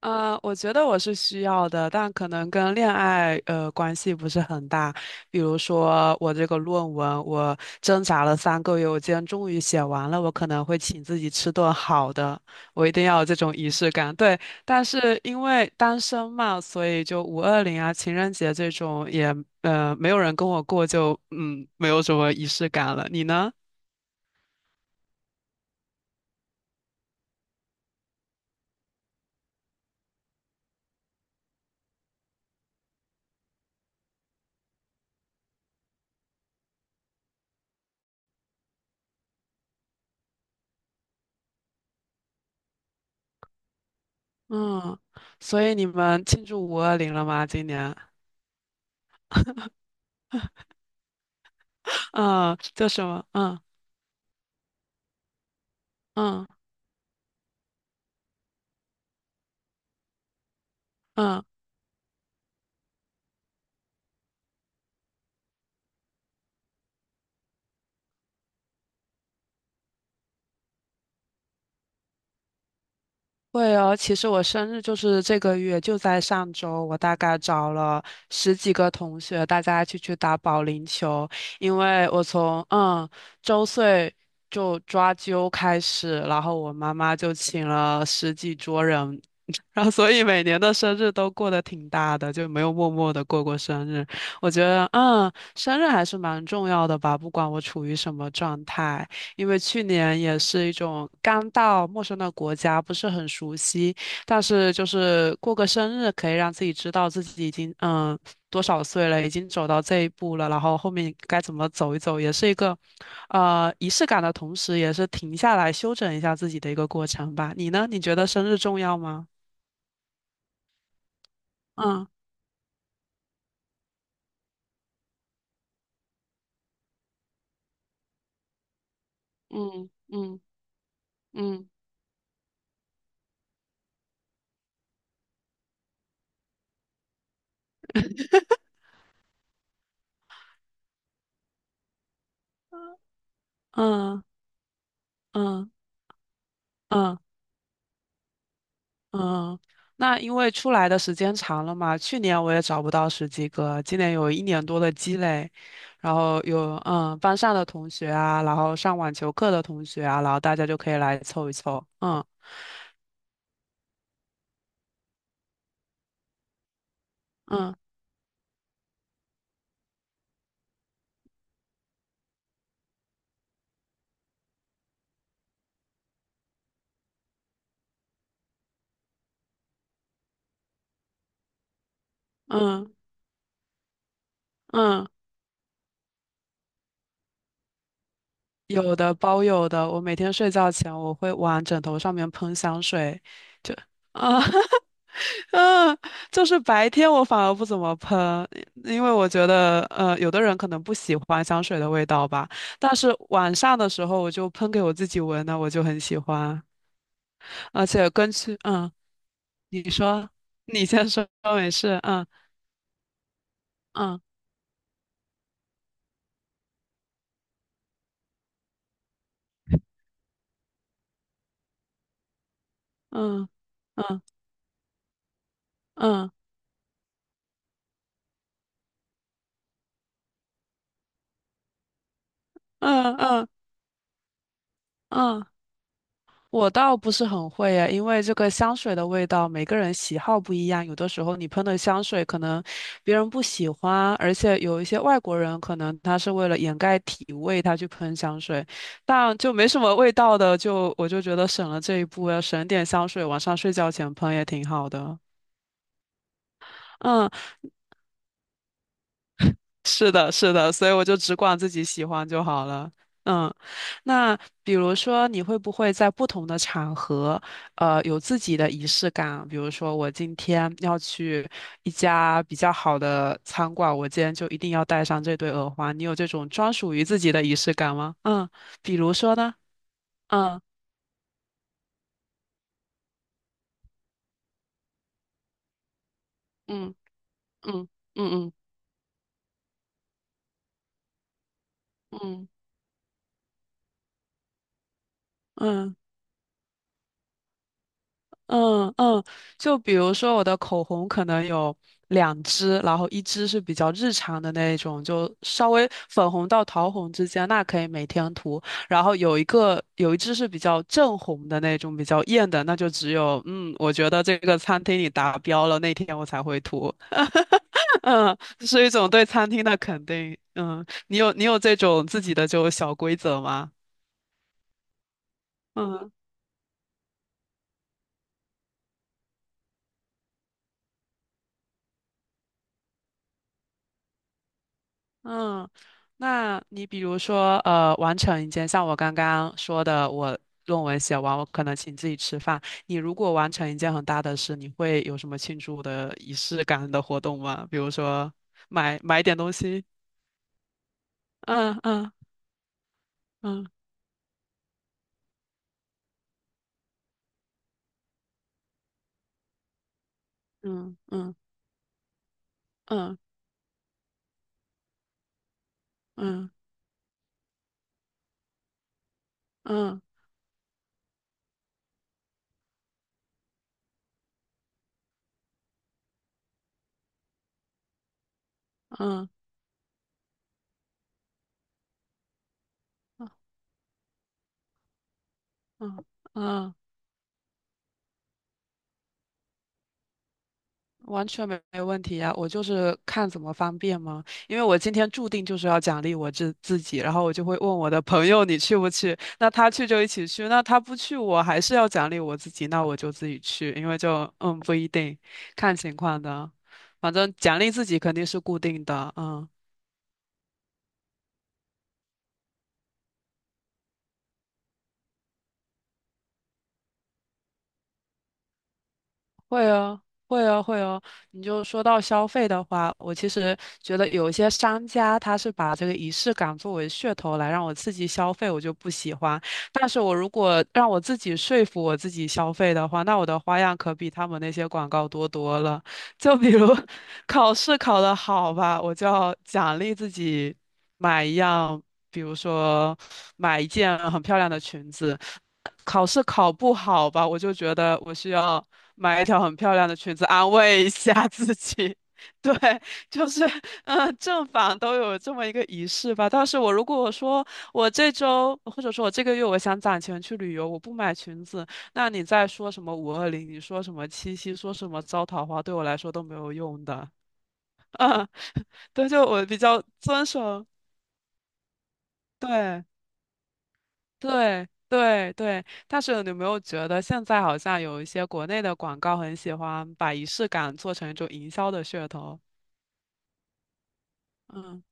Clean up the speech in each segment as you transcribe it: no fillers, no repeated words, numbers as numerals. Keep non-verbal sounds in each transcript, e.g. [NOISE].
我觉得我是需要的，但可能跟恋爱关系不是很大。比如说我这个论文，我挣扎了3个月，我今天终于写完了，我可能会请自己吃顿好的，我一定要有这种仪式感。对，但是因为单身嘛，所以就五二零啊、情人节这种也没有人跟我过就，没有什么仪式感了。你呢？嗯，所以你们庆祝五二零了吗？今年？[LAUGHS] 嗯，就什么？嗯嗯。嗯，会哦。其实我生日就是这个月，就在上周，我大概找了十几个同学，大家一起去打保龄球。因为我从周岁就抓阄开始，然后我妈妈就请了十几桌人，[LAUGHS] 然后所以每年的生日都过得挺大的，就没有默默的过过生日。我觉得生日还是蛮重要的吧，不管我处于什么状态。因为去年也是一种刚到陌生的国家，不是很熟悉，但是就是过个生日，可以让自己知道自己已经多少岁了，已经走到这一步了，然后后面该怎么走一走，也是一个仪式感的同时，也是停下来休整一下自己的一个过程吧。你呢？你觉得生日重要吗？嗯嗯嗯嗯嗯嗯嗯。嗯，那因为出来的时间长了嘛，去年我也找不到十几个，今年有一年多的积累，然后有班上的同学啊，然后上网球课的同学啊，然后大家就可以来凑一凑。嗯嗯嗯嗯。有的，我每天睡觉前我会往枕头上面喷香水，就啊。[LAUGHS] [LAUGHS] 嗯，就是白天我反而不怎么喷，因为我觉得，有的人可能不喜欢香水的味道吧。但是晚上的时候，我就喷给我自己闻呢，我就很喜欢。而且根据，你说，你先说，没事。嗯嗯嗯嗯嗯嗯嗯嗯。嗯我倒不是很会耶，因为这个香水的味道，每个人喜好不一样。有的时候你喷的香水可能别人不喜欢，而且有一些外国人可能他是为了掩盖体味，他去喷香水，但就没什么味道的，就我就觉得省了这一步，要省点香水，晚上睡觉前喷也挺好的。嗯，是的，是的，所以我就只管自己喜欢就好了。嗯，那比如说，你会不会在不同的场合，有自己的仪式感？比如说，我今天要去一家比较好的餐馆，我今天就一定要带上这对耳环。你有这种专属于自己的仪式感吗？嗯，比如说呢？嗯嗯嗯嗯嗯嗯嗯。嗯嗯嗯，就比如说我的口红可能有两支，然后一支是比较日常的那种，就稍微粉红到桃红之间，那可以每天涂。然后有一支是比较正红的那种，比较艳的，那就只有我觉得这个餐厅里达标了，那天我才会涂。[LAUGHS] 嗯，是一种对餐厅的肯定。嗯，你有这种自己的就小规则吗？嗯。嗯，那你比如说，完成一件，像我刚刚说的，我论文写完，我可能请自己吃饭。你如果完成一件很大的事，你会有什么庆祝的仪式感的活动吗？比如说买点东西。嗯嗯嗯嗯嗯嗯嗯嗯嗯嗯嗯嗯嗯。完全没问题呀，我就是看怎么方便嘛。因为我今天注定就是要奖励我自己，然后我就会问我的朋友你去不去？那他去就一起去，那他不去我还是要奖励我自己，那我就自己去，因为就不一定，看情况的。反正奖励自己肯定是固定的。嗯。会哦，会哦，会哦。你就说到消费的话，我其实觉得有一些商家他是把这个仪式感作为噱头来让我刺激消费，我就不喜欢。但是我如果让我自己说服我自己消费的话，那我的花样可比他们那些广告多多了。就比如 [LAUGHS] 考试考得好吧，我就要奖励自己买一样，比如说。买一件很漂亮的裙子。考试考不好吧，我就觉得我需要买一条很漂亮的裙子安慰一下 [LAUGHS] 自己。[LAUGHS] 对，就是，正反都有这么一个仪式吧。但是我如果说我这周或者说我这个月我想攒钱去旅游，我不买裙子，那你再说什么五二零，你说什么七夕，说什么招桃花，对我来说都没有用的。对，就我比较遵守，对。对对对，但是你有没有觉得现在好像有一些国内的广告很喜欢把仪式感做成一种营销的噱头？嗯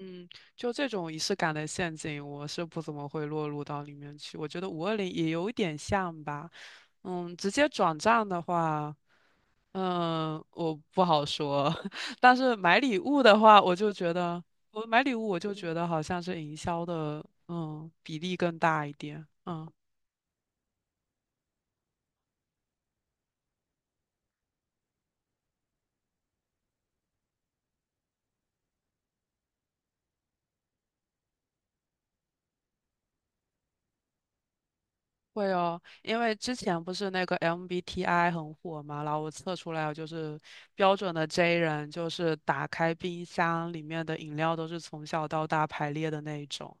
嗯，就这种仪式感的陷阱，我是不怎么会落入到里面去。我觉得五二零也有一点像吧。嗯，直接转账的话，我不好说。[LAUGHS] 但是买礼物的话，我就觉得我买礼物，我就觉得好像是营销的，比例更大一点。嗯。会哦，因为之前不是那个 MBTI 很火嘛，然后我测出来就是标准的 J 人，就是打开冰箱里面的饮料都是从小到大排列的那一种。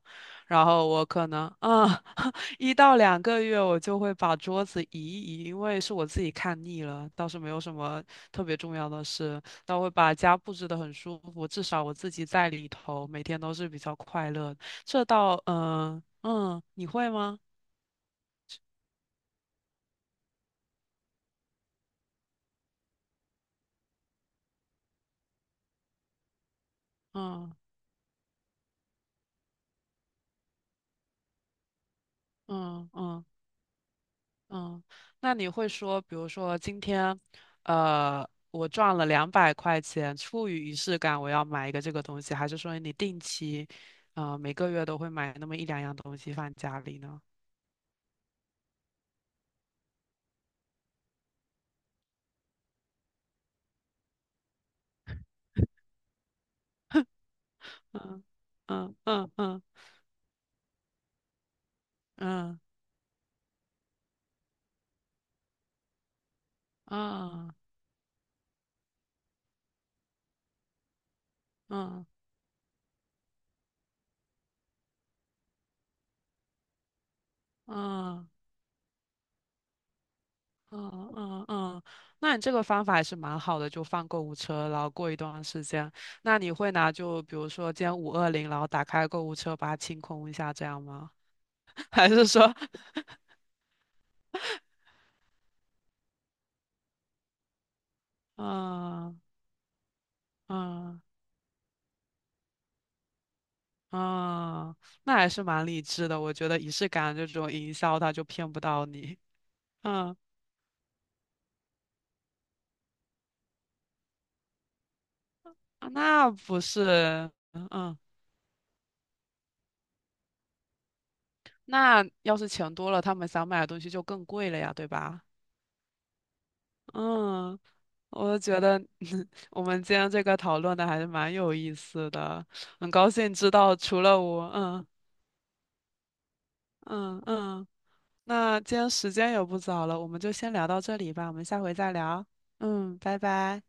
然后我可能[LAUGHS]，1到2个月我就会把桌子移一移，因为是我自己看腻了，倒是没有什么特别重要的事，但我会把家布置得很舒服，至少我自己在里头每天都是比较快乐。这倒你会吗？嗯。嗯嗯嗯，那你会说，比如说今天，我赚了200块钱，出于仪式感，我要买一个这个东西，还是说你定期，每个月都会买那么一两样东西放家里呢？嗯嗯嗯嗯嗯嗯嗯嗯嗯嗯嗯，那你这个方法还是蛮好的，就放购物车，然后过一段时间，那你会拿就比如说今天五二零，然后打开购物车把它清空一下，这样吗？还是说，啊啊啊，那还是蛮理智的。我觉得仪式感这种营销，他就骗不到你。嗯，啊那不是，嗯嗯，那要是钱多了，他们想买的东西就更贵了呀，对吧？嗯，我觉得 [LAUGHS] 我们今天这个讨论的还是蛮有意思的，很高兴知道除了我。嗯嗯嗯，那今天时间也不早了，我们就先聊到这里吧，我们下回再聊。嗯，拜拜。